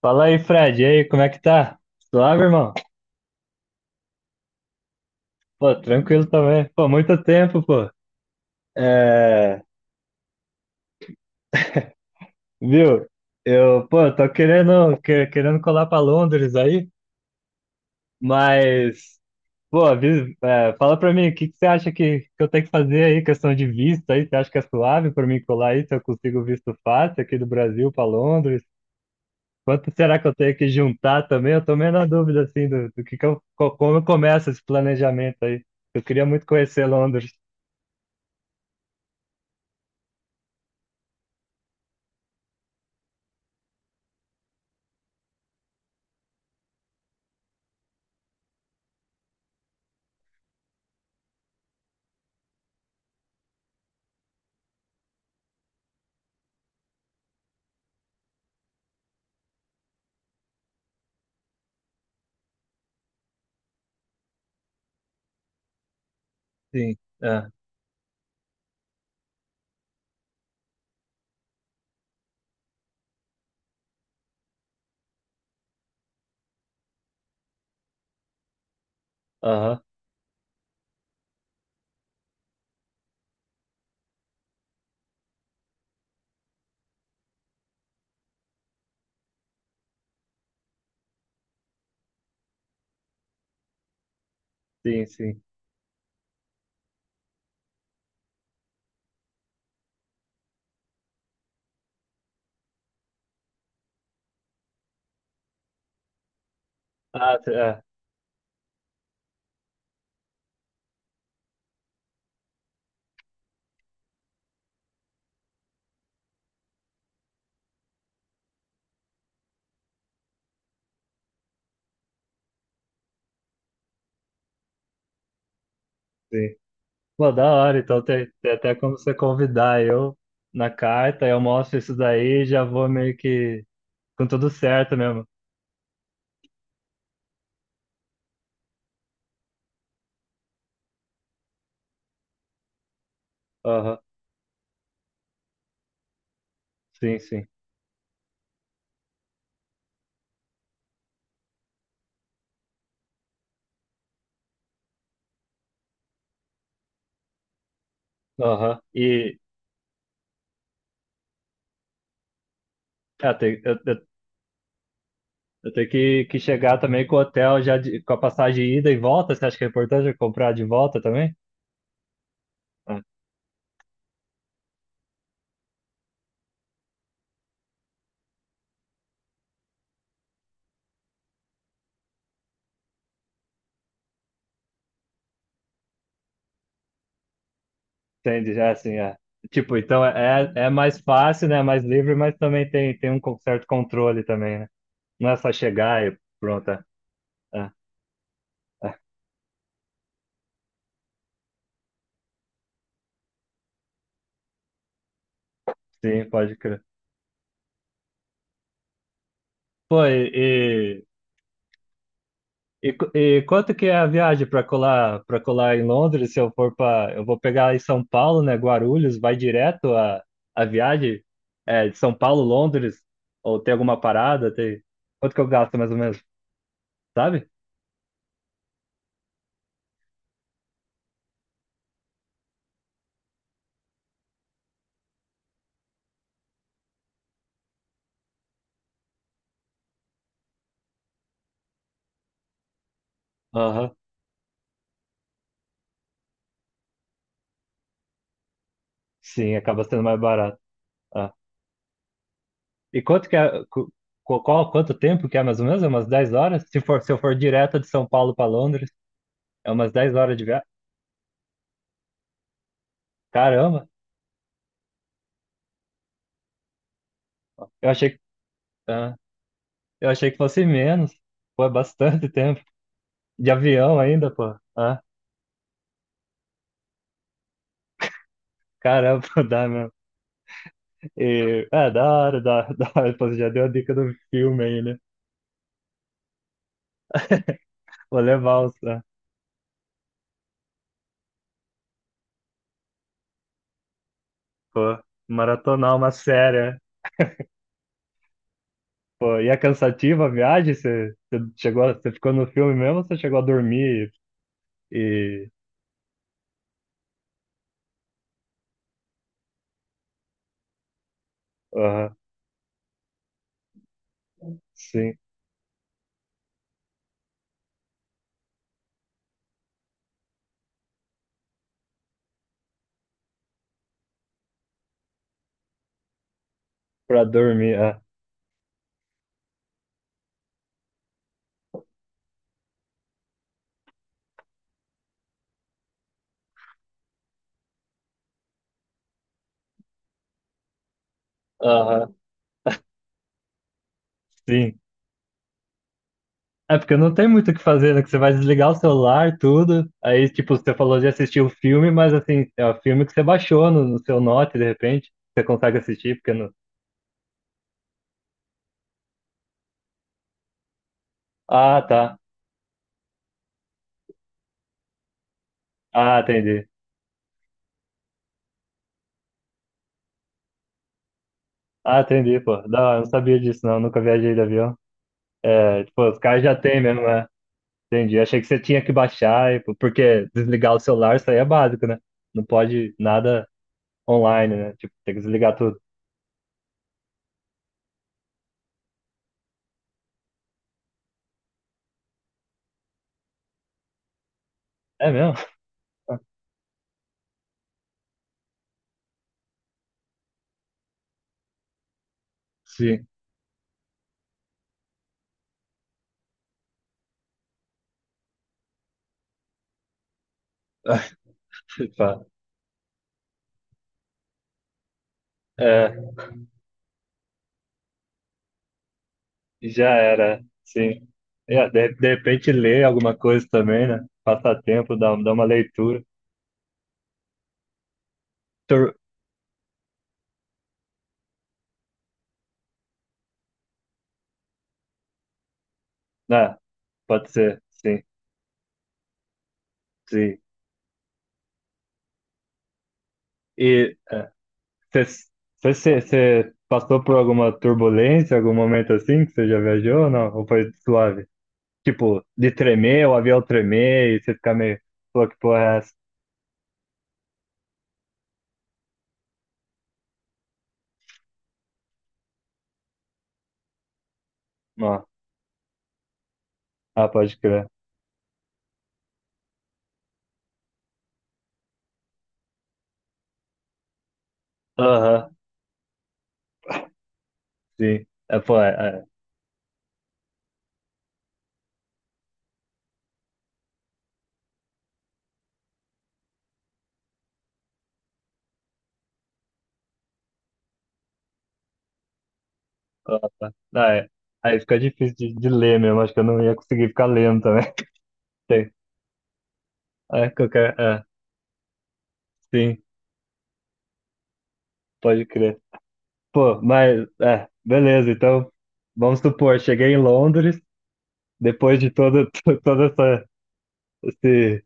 Fala aí, Fred. E aí, como é que tá? Suave, irmão? Pô, tranquilo também. Pô, muito tempo, pô. É, viu? Eu, pô, tô querendo colar pra Londres aí, mas, pô, fala pra mim, o que que você acha que eu tenho que fazer aí, questão de visto aí? Você acha que é suave pra mim colar aí, se eu consigo visto fácil aqui do Brasil pra Londres? Quanto será que eu tenho que juntar também? Eu tô meio na dúvida, assim, do que como eu começo esse planejamento aí. Eu queria muito conhecer Londres. Sim, é, aham, sim, sim. Ah, é, sim. Pô, da hora, então tem até como você convidar eu na carta, eu mostro isso daí e já vou meio que com tudo certo mesmo. Aham, sim, sim. Aham, e é, tem- eu, eu, eu tenho que chegar também com o hotel com a passagem de ida e volta, você acha que é importante eu comprar de volta também? Ah, entende, é assim, é. Tipo, então é mais fácil, né, é mais livre, mas também tem um certo controle também, né? Não é só chegar e pronto. É, é, é. Sim, pode crer. Pô, e quanto que é a viagem para colar, em Londres? Se eu for para, eu vou pegar em São Paulo, né? Guarulhos, vai direto a viagem é, de São Paulo, Londres? Ou tem alguma parada? Tem. Quanto que eu gasto mais ou menos? Sabe? Aham. Sim, acaba sendo mais barato. Ah. E quanto tempo que é mais ou menos? É umas 10 horas? Se eu for direto de São Paulo para Londres, é umas 10 horas de viagem. Caramba! Eu achei, que- ah, eu achei que fosse menos. Pô, é bastante tempo. De avião ainda, pô. Ah, caramba, dá mesmo. E, é, da hora, da hora. Pô, você já deu a dica do filme aí, né? Vou levar os, pô, maratonar uma série. É. Pô, e é cansativa a viagem? Você chegou, você ficou no filme mesmo ou você chegou a dormir e, aham, sim, pra dormir, aham, sim. É porque não tem muito o que fazer, né? Que você vai desligar o celular, tudo. Aí, tipo, você falou de assistir o filme, mas assim, é o filme que você baixou no seu Note, de repente. Você consegue assistir, porque não. Ah, tá. Ah, entendi. Ah, entendi, pô. Não, eu não sabia disso, não. Nunca viajei de avião. É, tipo, os caras já têm mesmo, né? Entendi. Achei que você tinha que baixar, porque desligar o celular, isso aí é básico, né? Não pode nada online, né? Tipo, tem que desligar tudo. É mesmo? Sim. Tá. É, já era, sim. É, de repente ler alguma coisa também, né? Passar tempo, dar uma leitura. Tur- né? Pode ser, sim, sim. E você passou por alguma turbulência, algum momento assim que você já viajou ou não? Ou foi suave? Tipo, de tremer, o avião tremer e você ficar meio, pô, que porra é essa? Não. Ah, pode crer. Aham, sim. É, pô, é, é. Ah, tá. Ah, é. Aí fica difícil de ler mesmo, acho que eu não ia conseguir ficar lendo também. Tem. É, qualquer. É, é, sim, pode crer. Pô, mas. É, beleza, então. Vamos supor, cheguei em Londres, depois de todo, todo essa, esse,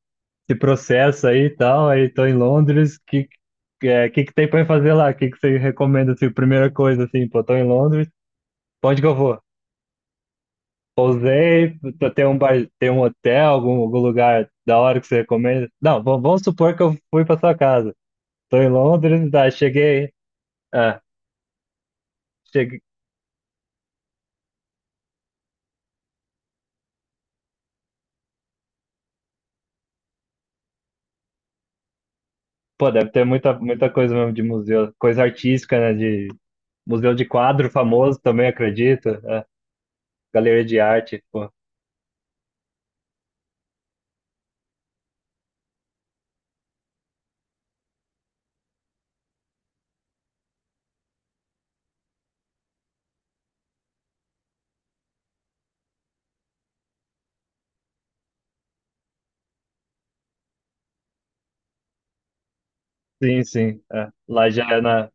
esse processo aí e tal, aí tô em Londres, que que tem pra eu fazer lá? Que você recomenda, assim, primeira coisa, assim, pô, tô em Londres, pra onde que eu vou? Pousei, tem um bar, tem um hotel, algum lugar da hora que você recomenda? Não, vamos supor que eu fui pra sua casa. Tô em Londres, tá, cheguei, é, pô, deve ter muita, muita coisa mesmo de museu, coisa artística, né? De museu de quadro famoso também, acredito. É. Galeria de arte, pô. Sim, sim. É. Lá já é na.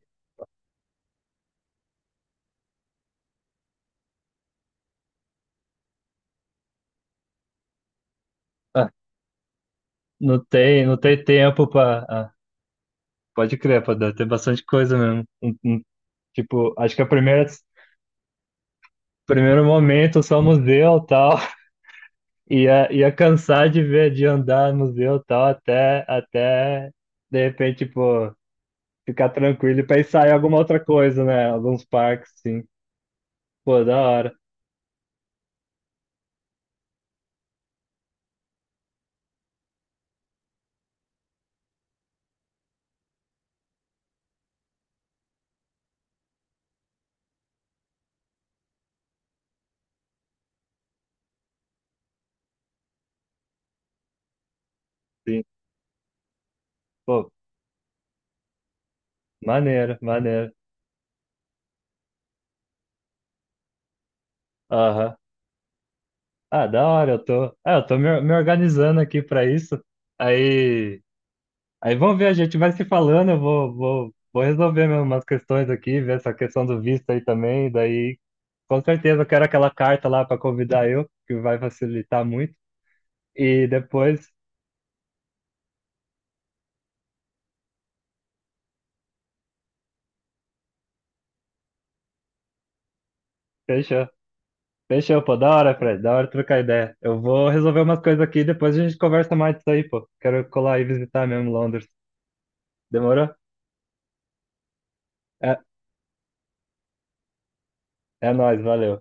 ah, não tem, tempo pra. Ah, pode crer, pô, deve ter bastante coisa mesmo. Tipo, acho que primeiro momento só museu e tal. Ia cansar de ver, de andar no museu e tal, até de repente, pô, ficar tranquilo e pensar em alguma outra coisa, né? Alguns parques, sim. Pô, da hora. Sim. Pô, maneiro, maneiro. Aham. Ah, da hora, eu tô. Ah, eu tô me organizando aqui pra isso. Aí, Aí vamos ver, a gente vai se falando, vou resolver mesmo umas questões aqui, ver essa questão do visto aí também. Daí, com certeza, eu quero aquela carta lá pra convidar eu, que vai facilitar muito. E depois, fechou. Fechou, pô, da hora, Fred, da hora trocar ideia. Eu vou resolver umas coisas aqui, depois a gente conversa mais disso aí, pô. Quero colar e visitar mesmo Londres. Demorou? É- É nóis, valeu.